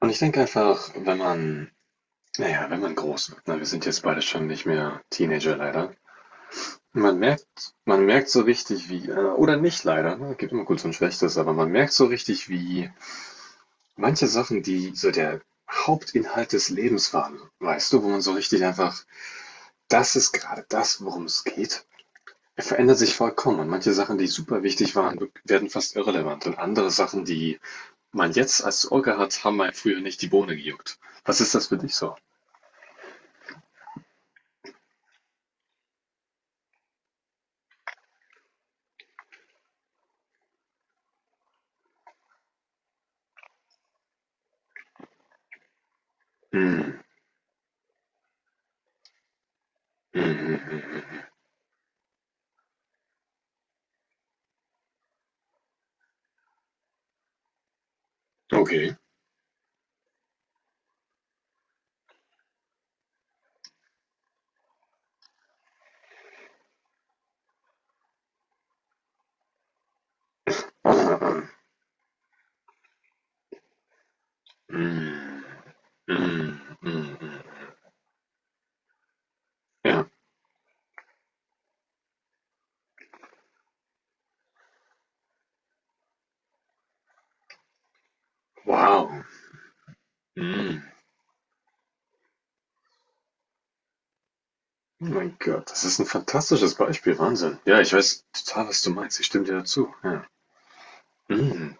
Und ich denke einfach, wenn man, naja, wenn man groß wird, ne, wir sind jetzt beide schon nicht mehr Teenager leider. Man merkt so richtig wie, oder nicht leider, ne, gibt immer Gutes und Schlechtes, aber man merkt so richtig wie manche Sachen, die so der Hauptinhalt des Lebens waren, weißt du, wo man so richtig einfach, das ist gerade das, worum es geht, verändert sich vollkommen. Und manche Sachen, die super wichtig waren, werden fast irrelevant. Und andere Sachen, die man jetzt als Ohr hat, haben einem früher nicht die Bohne gejuckt. Was ist das für dich so? Hm. Mhm. Okay. Mhm. Mhm. Mhm. Ja. Wow. Mhm. Oh mein Gott, das ist ein fantastisches Beispiel. Wahnsinn. Ja, ich weiß total, was du meinst. Ich stimme dir dazu. Ja. Mhm.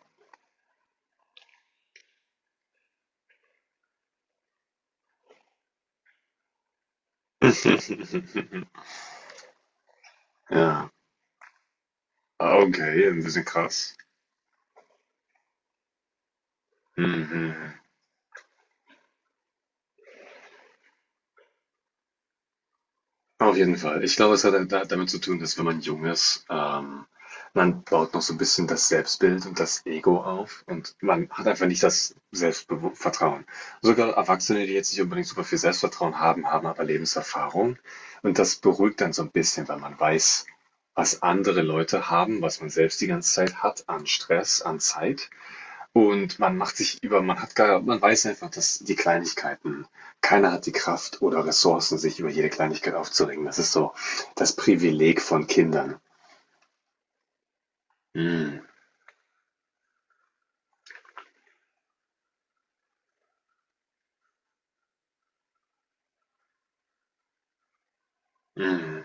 Ja. Ah, okay, ein bisschen krass. Mhm. Auf jeden Fall. Ich glaube, es hat damit zu tun, dass wenn man jung ist, man baut noch so ein bisschen das Selbstbild und das Ego auf und man hat einfach nicht das Selbstvertrauen. Sogar Erwachsene, die jetzt nicht unbedingt super viel Selbstvertrauen haben, haben aber Lebenserfahrung und das beruhigt dann so ein bisschen, weil man weiß, was andere Leute haben, was man selbst die ganze Zeit hat an Stress, an Zeit. Und man macht sich über, man hat gar, man weiß einfach, dass die Kleinigkeiten, keiner hat die Kraft oder Ressourcen, sich über jede Kleinigkeit aufzuregen. Das ist so das Privileg von Kindern. Mm, mm,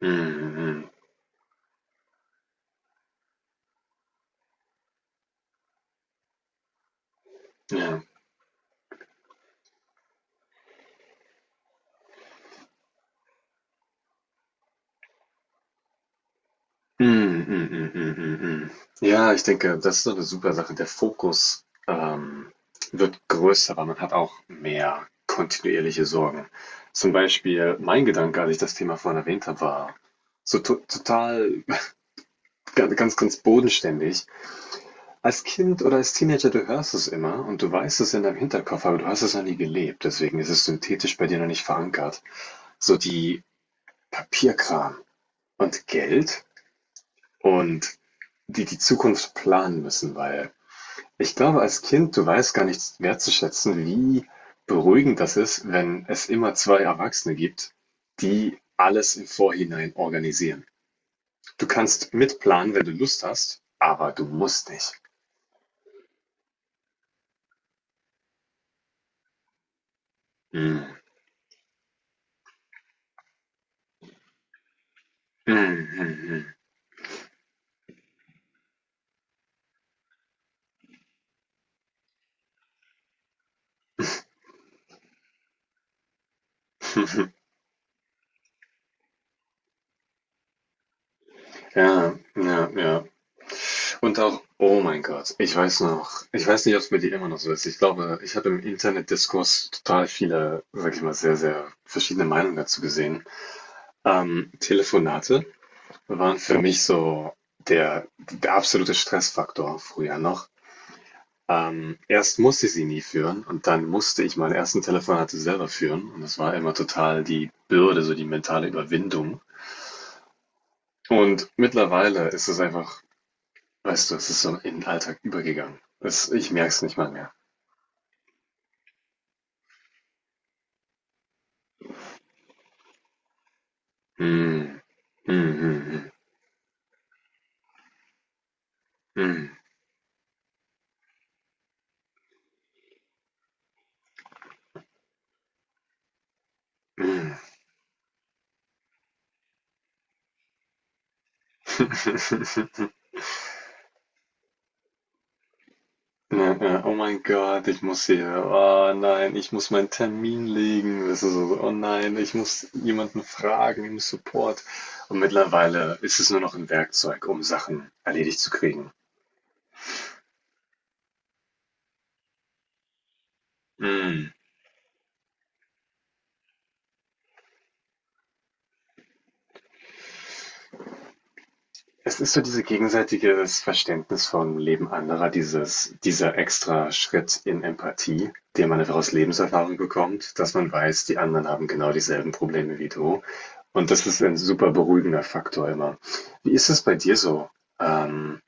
mm, mm, ja. Mm, mm, mm, mm, mm, mm. Ja, ich denke, das ist so eine super Sache. Der Fokus wird größer, aber man hat auch mehr kontinuierliche Sorgen. Zum Beispiel mein Gedanke, als ich das Thema vorhin erwähnt habe, war so to total ganz, ganz, ganz bodenständig. Als Kind oder als Teenager, du hörst es immer und du weißt es in deinem Hinterkopf, aber du hast es noch nie gelebt. Deswegen ist es synthetisch bei dir noch nicht verankert. So die Papierkram und Geld und die Zukunft planen müssen, weil ich glaube, als Kind, du weißt gar nicht wertzuschätzen, wie beruhigend das ist, wenn es immer zwei Erwachsene gibt, die alles im Vorhinein organisieren. Du kannst mitplanen, wenn du Lust hast, aber du musst nicht. Mm. Mhm, mhm. Ja, ja, ja. Und auch, oh mein Gott, ich weiß noch, ich weiß nicht, ob es bei dir immer noch so ist. Ich glaube, ich habe im Internetdiskurs total viele, sag ich mal, sehr, sehr verschiedene Meinungen dazu gesehen. Telefonate waren für mich so der, der absolute Stressfaktor früher noch. Erst musste ich sie nie führen und dann musste ich meine ersten Telefonate selber führen. Und das war immer total die Bürde, so die mentale Überwindung. Und mittlerweile ist es einfach. Weißt du, es ist so in den Alltag übergegangen. Das, ich merke es nicht mal mehr. Hm. Hm, hm, hm, hm, hm. Ja, ja. Oh mein Gott, ich muss hier. Oh nein, ich muss meinen Termin legen. Das ist so, oh nein, ich muss jemanden fragen im Support. Und mittlerweile ist es nur noch ein Werkzeug, um Sachen erledigt zu kriegen. Hm. Es ist so diese gegenseitiges Verständnis vom Leben anderer, dieses dieser extra Schritt in Empathie, den man einfach aus Lebenserfahrung bekommt, dass man weiß, die anderen haben genau dieselben Probleme wie du. Und das ist ein super beruhigender Faktor immer. Wie ist das bei dir so? Ähm,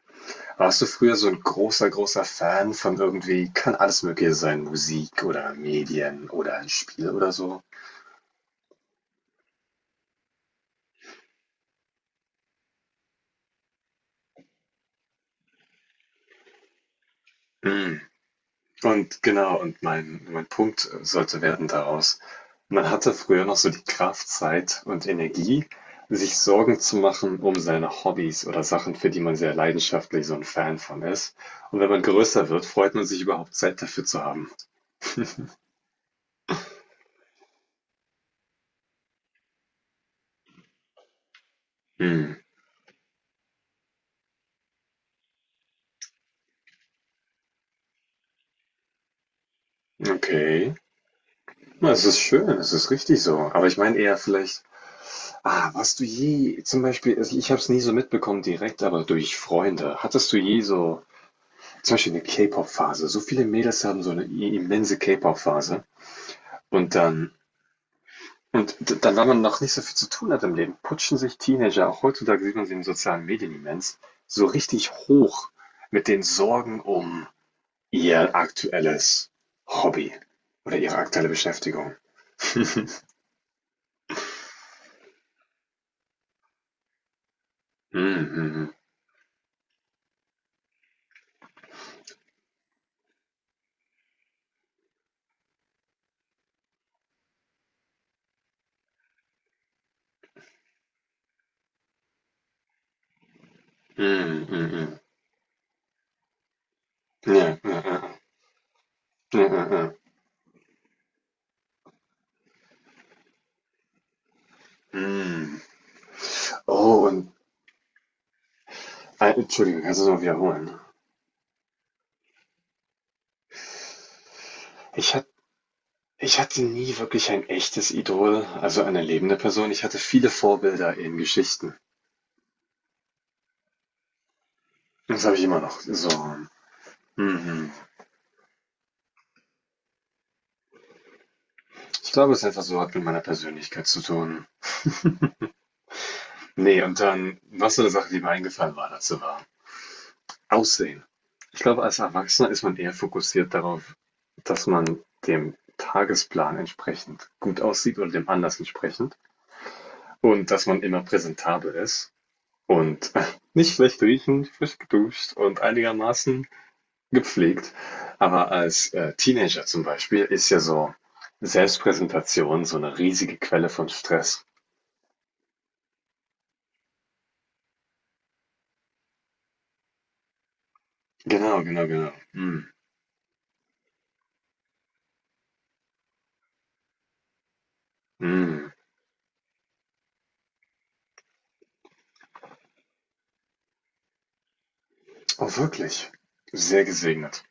warst du früher so ein großer, großer Fan von irgendwie, kann alles Mögliche sein, Musik oder Medien oder ein Spiel oder so? Mm. Und genau, und mein Punkt sollte werden daraus, man hatte früher noch so die Kraft, Zeit und Energie, sich Sorgen zu machen um seine Hobbys oder Sachen, für die man sehr leidenschaftlich so ein Fan von ist. Und wenn man größer wird, freut man sich überhaupt Zeit dafür zu haben. Hm, okay. Na, es ist schön, es ist richtig so. Aber ich meine eher vielleicht, ah, warst du je, zum Beispiel, also ich habe es nie so mitbekommen direkt, aber durch Freunde, hattest du je so zum Beispiel eine K-Pop-Phase. So viele Mädels haben so eine immense K-Pop-Phase. Und dann, und dann, weil man noch nicht so viel zu tun hat im Leben, putschen sich Teenager, auch heutzutage sieht man sie in den sozialen Medien immens, so richtig hoch mit den Sorgen um ihr aktuelles Hobby oder ihre aktuelle Beschäftigung. Mm, mm, mm, mm, mm, mm. Ja, ja, ja, ja, ja, ja, ja. Mm. Oh, und Entschuldigung, kannst du es noch wiederholen? Ich hatte Ich hatte nie wirklich ein echtes Idol, also eine lebende Person. Ich hatte viele Vorbilder in Geschichten. Das habe ich immer noch. So. Mhm. Ich glaube, es ist einfach so, hat mit meiner Persönlichkeit zu tun. Nee, und dann, was so eine Sache, die mir eingefallen war dazu war. Aussehen. Ich glaube, als Erwachsener ist man eher fokussiert darauf, dass man dem Tagesplan entsprechend gut aussieht oder dem Anlass entsprechend und dass man immer präsentabel ist und nicht schlecht riechend, frisch geduscht und einigermaßen gepflegt. Aber als Teenager zum Beispiel ist ja so Selbstpräsentation so eine riesige Quelle von Stress. Genau, genau, genau. Mm, mm. Oh, wirklich. Sehr gesegnet.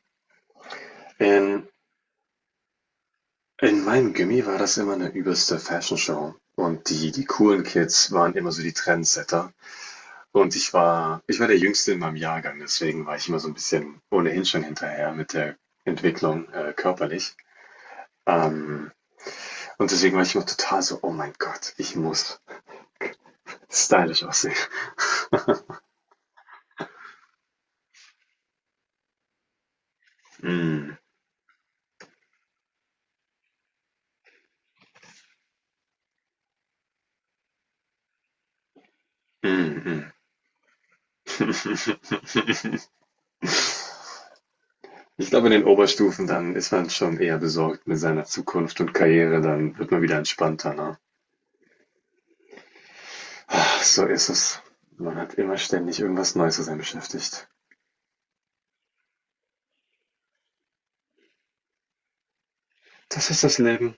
In, in meinem Gimmi war das immer eine übelste Fashion-Show. Und die coolen Kids waren immer so die Trendsetter. Und ich war der Jüngste in meinem Jahrgang, deswegen war ich immer so ein bisschen ohnehin schon hinterher mit der Entwicklung körperlich. Ähm, Und deswegen war ich immer total so, oh mein Gott, ich muss stylisch aussehen. Mm. Mm, mm. Ich glaube, in den Oberstufen dann ist man schon eher besorgt mit seiner Zukunft und Karriere, dann wird man wieder entspannter. Ne? So ist es. Man hat immer ständig irgendwas Neues, zu sein beschäftigt. Das ist das Leben.